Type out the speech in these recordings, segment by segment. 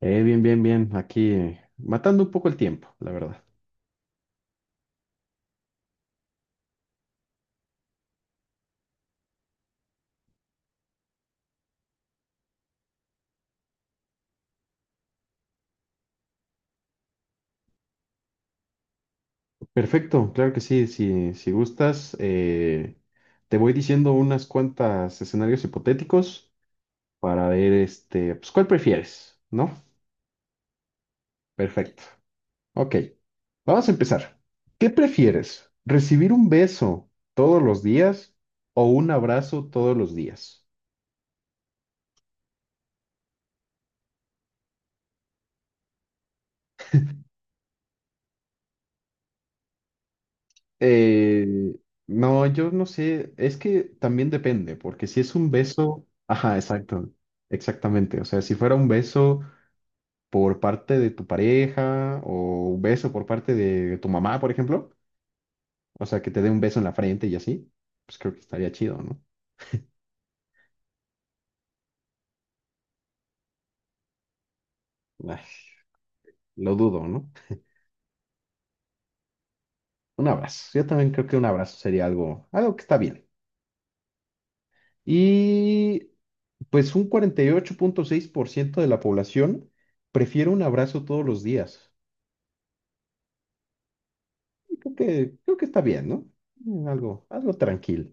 Bien, bien, bien. Aquí, matando un poco el tiempo, la verdad. Perfecto, claro que sí. Si gustas, te voy diciendo unas cuantas escenarios hipotéticos para ver, pues, cuál prefieres, ¿no? Perfecto. Ok, vamos a empezar. ¿Qué prefieres? ¿Recibir un beso todos los días o un abrazo todos los días? Eh, no, yo no sé, es que también depende, porque si es un beso, ajá, exacto, exactamente. O sea, si fuera un beso por parte de tu pareja o un beso por parte de tu mamá, por ejemplo, o sea, que te dé un beso en la frente y así, pues creo que estaría chido, ¿no? Ay, lo dudo, ¿no? Un abrazo, yo también creo que un abrazo sería algo que está bien. Y pues un 48.6% de la población prefiere un abrazo todos los días. Creo que está bien, ¿no? Algo tranquilo.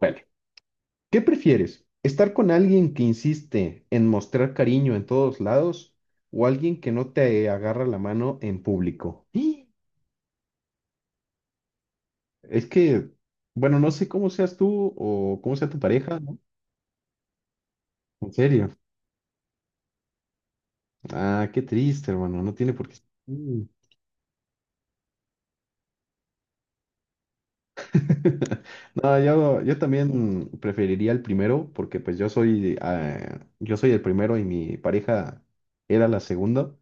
Bueno, ¿qué prefieres? ¿Estar con alguien que insiste en mostrar cariño en todos lados o alguien que no te agarra la mano en público? ¡Ih! Es que, bueno, no sé cómo seas tú o cómo sea tu pareja, ¿no? En serio. Ah, qué triste, hermano. No tiene por qué ser así. No, yo también preferiría el primero, porque pues yo soy el primero y mi pareja era la segunda,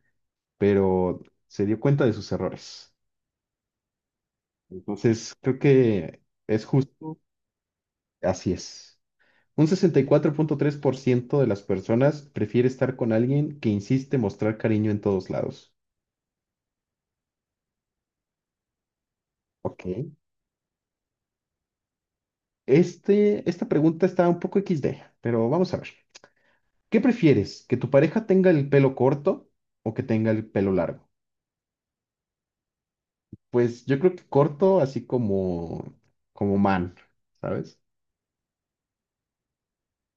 pero se dio cuenta de sus errores. Entonces, creo que es justo, así es. Un 64.3% de las personas prefiere estar con alguien que insiste mostrar cariño en todos lados. Ok. Esta pregunta está un poco XD, pero vamos a ver. ¿Qué prefieres? ¿Que tu pareja tenga el pelo corto o que tenga el pelo largo? Pues yo creo que corto, así como man, ¿sabes?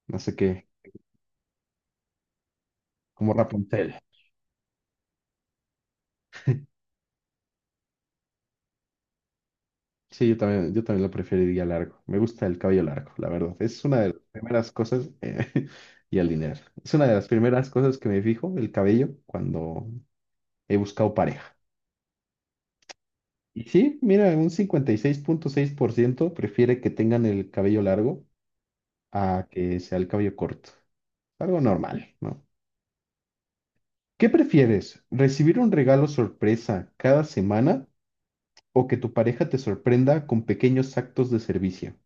No sé qué, como Rapunzel. Sí, yo también lo preferiría largo. Me gusta el cabello largo, la verdad. Es una de las primeras cosas, y el dinero. Es una de las primeras cosas que me fijo, el cabello, cuando he buscado pareja. Y sí, mira, un cincuenta y seis punto seis por ciento prefiere que tengan el cabello largo a que sea el cabello corto. Algo normal, ¿no? ¿Qué prefieres? ¿Recibir un regalo sorpresa cada semana o que tu pareja te sorprenda con pequeños actos de servicio?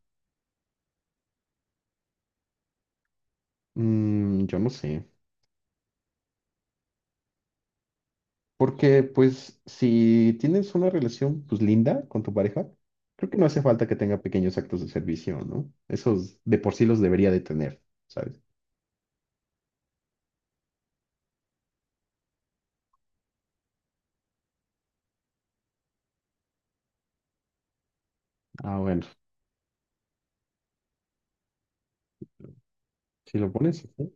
Yo no sé. Porque pues si tienes una relación pues linda con tu pareja, creo que no hace falta que tenga pequeños actos de servicio, ¿no? Esos de por sí los debería de tener, ¿sabes? Ah, bueno, si lo pones así,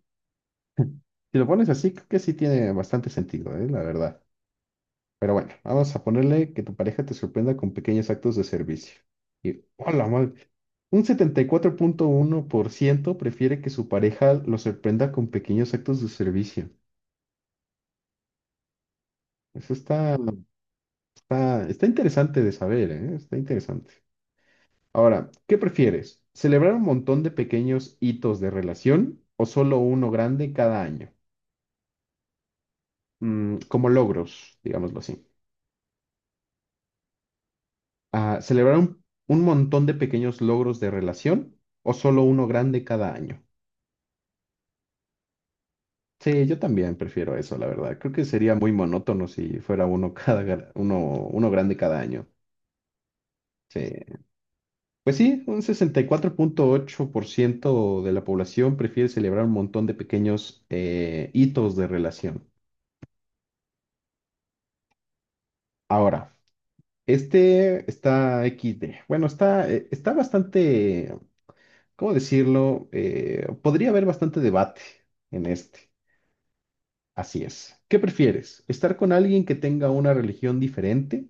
si lo pones así, creo que sí tiene bastante sentido, ¿eh? La verdad. Pero bueno, vamos a ponerle que tu pareja te sorprenda con pequeños actos de servicio. Y, hola, madre. Un 74.1% prefiere que su pareja lo sorprenda con pequeños actos de servicio. Eso está está interesante de saber, ¿eh? Está interesante. Ahora, ¿qué prefieres? ¿Celebrar un montón de pequeños hitos de relación o solo uno grande cada año? Como logros, digámoslo así. Ah, ¿celebrar un montón de pequeños logros de relación o solo uno grande cada año? Sí, yo también prefiero eso, la verdad. Creo que sería muy monótono si fuera uno uno grande cada año. Sí. Pues sí, un 64.8% de la población prefiere celebrar un montón de pequeños, hitos de relación. Ahora, este está XD. Bueno, está bastante, ¿cómo decirlo? Podría haber bastante debate en este. Así es. ¿Qué prefieres? ¿Estar con alguien que tenga una religión diferente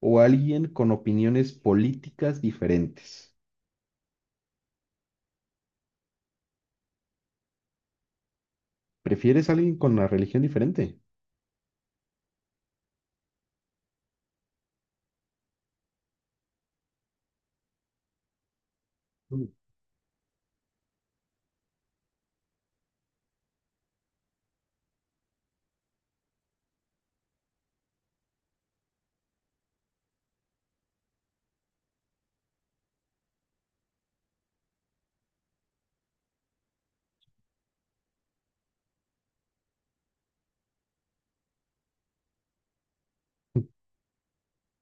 o alguien con opiniones políticas diferentes? ¿Prefieres a alguien con una religión diferente?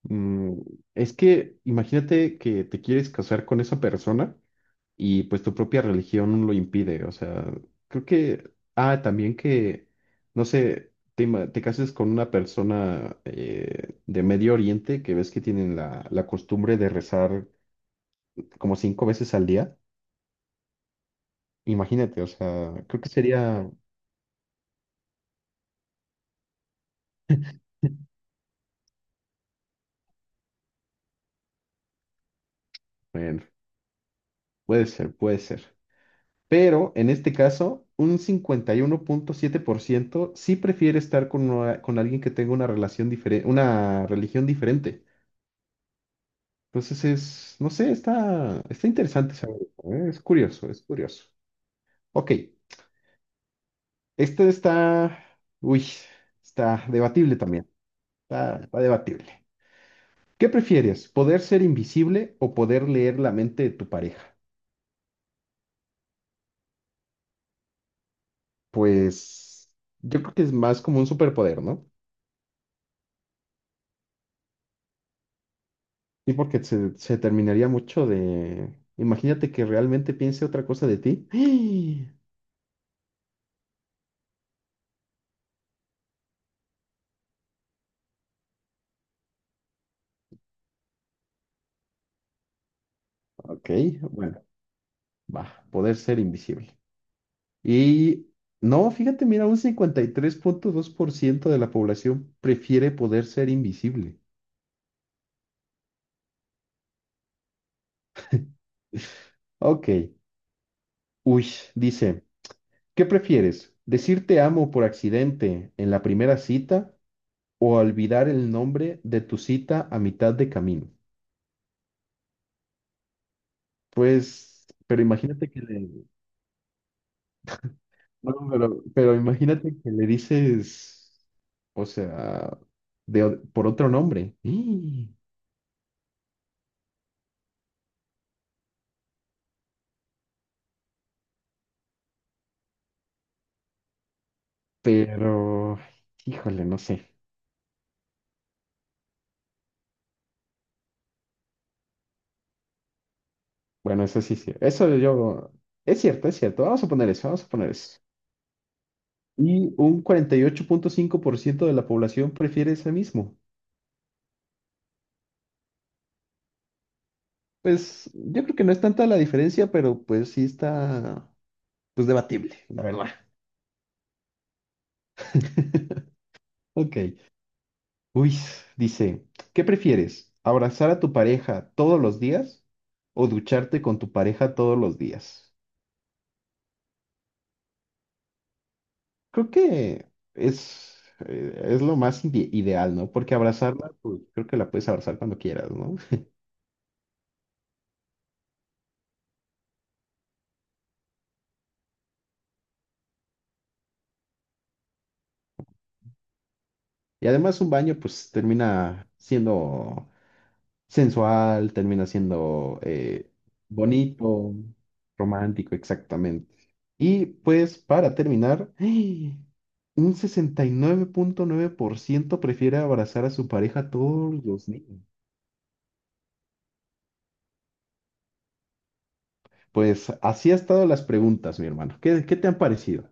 Mm, es que imagínate que te quieres casar con esa persona y pues tu propia religión lo impide. O sea, creo que, también que, no sé, te cases con una persona, de Medio Oriente, que ves que tienen la costumbre de rezar como 5 veces al día. Imagínate, o sea, creo que sería, bueno, puede ser, puede ser. Pero en este caso, un 51.7% sí prefiere estar con alguien que tenga una relación diferente, una religión diferente. Entonces es, no sé, está interesante saber eso, ¿eh? Es curioso, es curioso. Ok, este está, uy, está debatible también, está debatible. ¿Qué prefieres, poder ser invisible o poder leer la mente de tu pareja? Pues yo creo que es más como un superpoder, ¿no? Sí, porque se terminaría mucho de... Imagínate que realmente piense otra cosa de ti. Ok, bueno, va, poder ser invisible. Y no, fíjate, mira, un 53.2% de la población prefiere poder ser invisible. Ok, uy, dice, ¿qué prefieres? ¿Decir te amo por accidente en la primera cita o olvidar el nombre de tu cita a mitad de camino? Pues, pero imagínate que le... No, pero imagínate que le dices, o sea, por otro nombre. ¡Ih! Pero, híjole, no sé. Bueno, eso sí, sí. Eso yo. Es cierto, es cierto. Vamos a poner eso, vamos a poner eso. Y un 48.5% de la población prefiere ese mismo. Pues yo creo que no es tanta la diferencia, pero pues sí está, pues debatible, la verdad. Ok. Uy, dice, ¿qué prefieres? ¿Abrazar a tu pareja todos los días o ducharte con tu pareja todos los días? Creo que es lo más ideal, ¿no? Porque abrazarla, pues creo que la puedes abrazar cuando quieras, ¿no? Y además un baño, pues termina siendo sensual, termina siendo, bonito, romántico, exactamente. Y pues para terminar, un sesenta y nueve punto nueve por ciento prefiere abrazar a su pareja todos los días. Pues así ha estado las preguntas, mi hermano. ¿Qué te han parecido?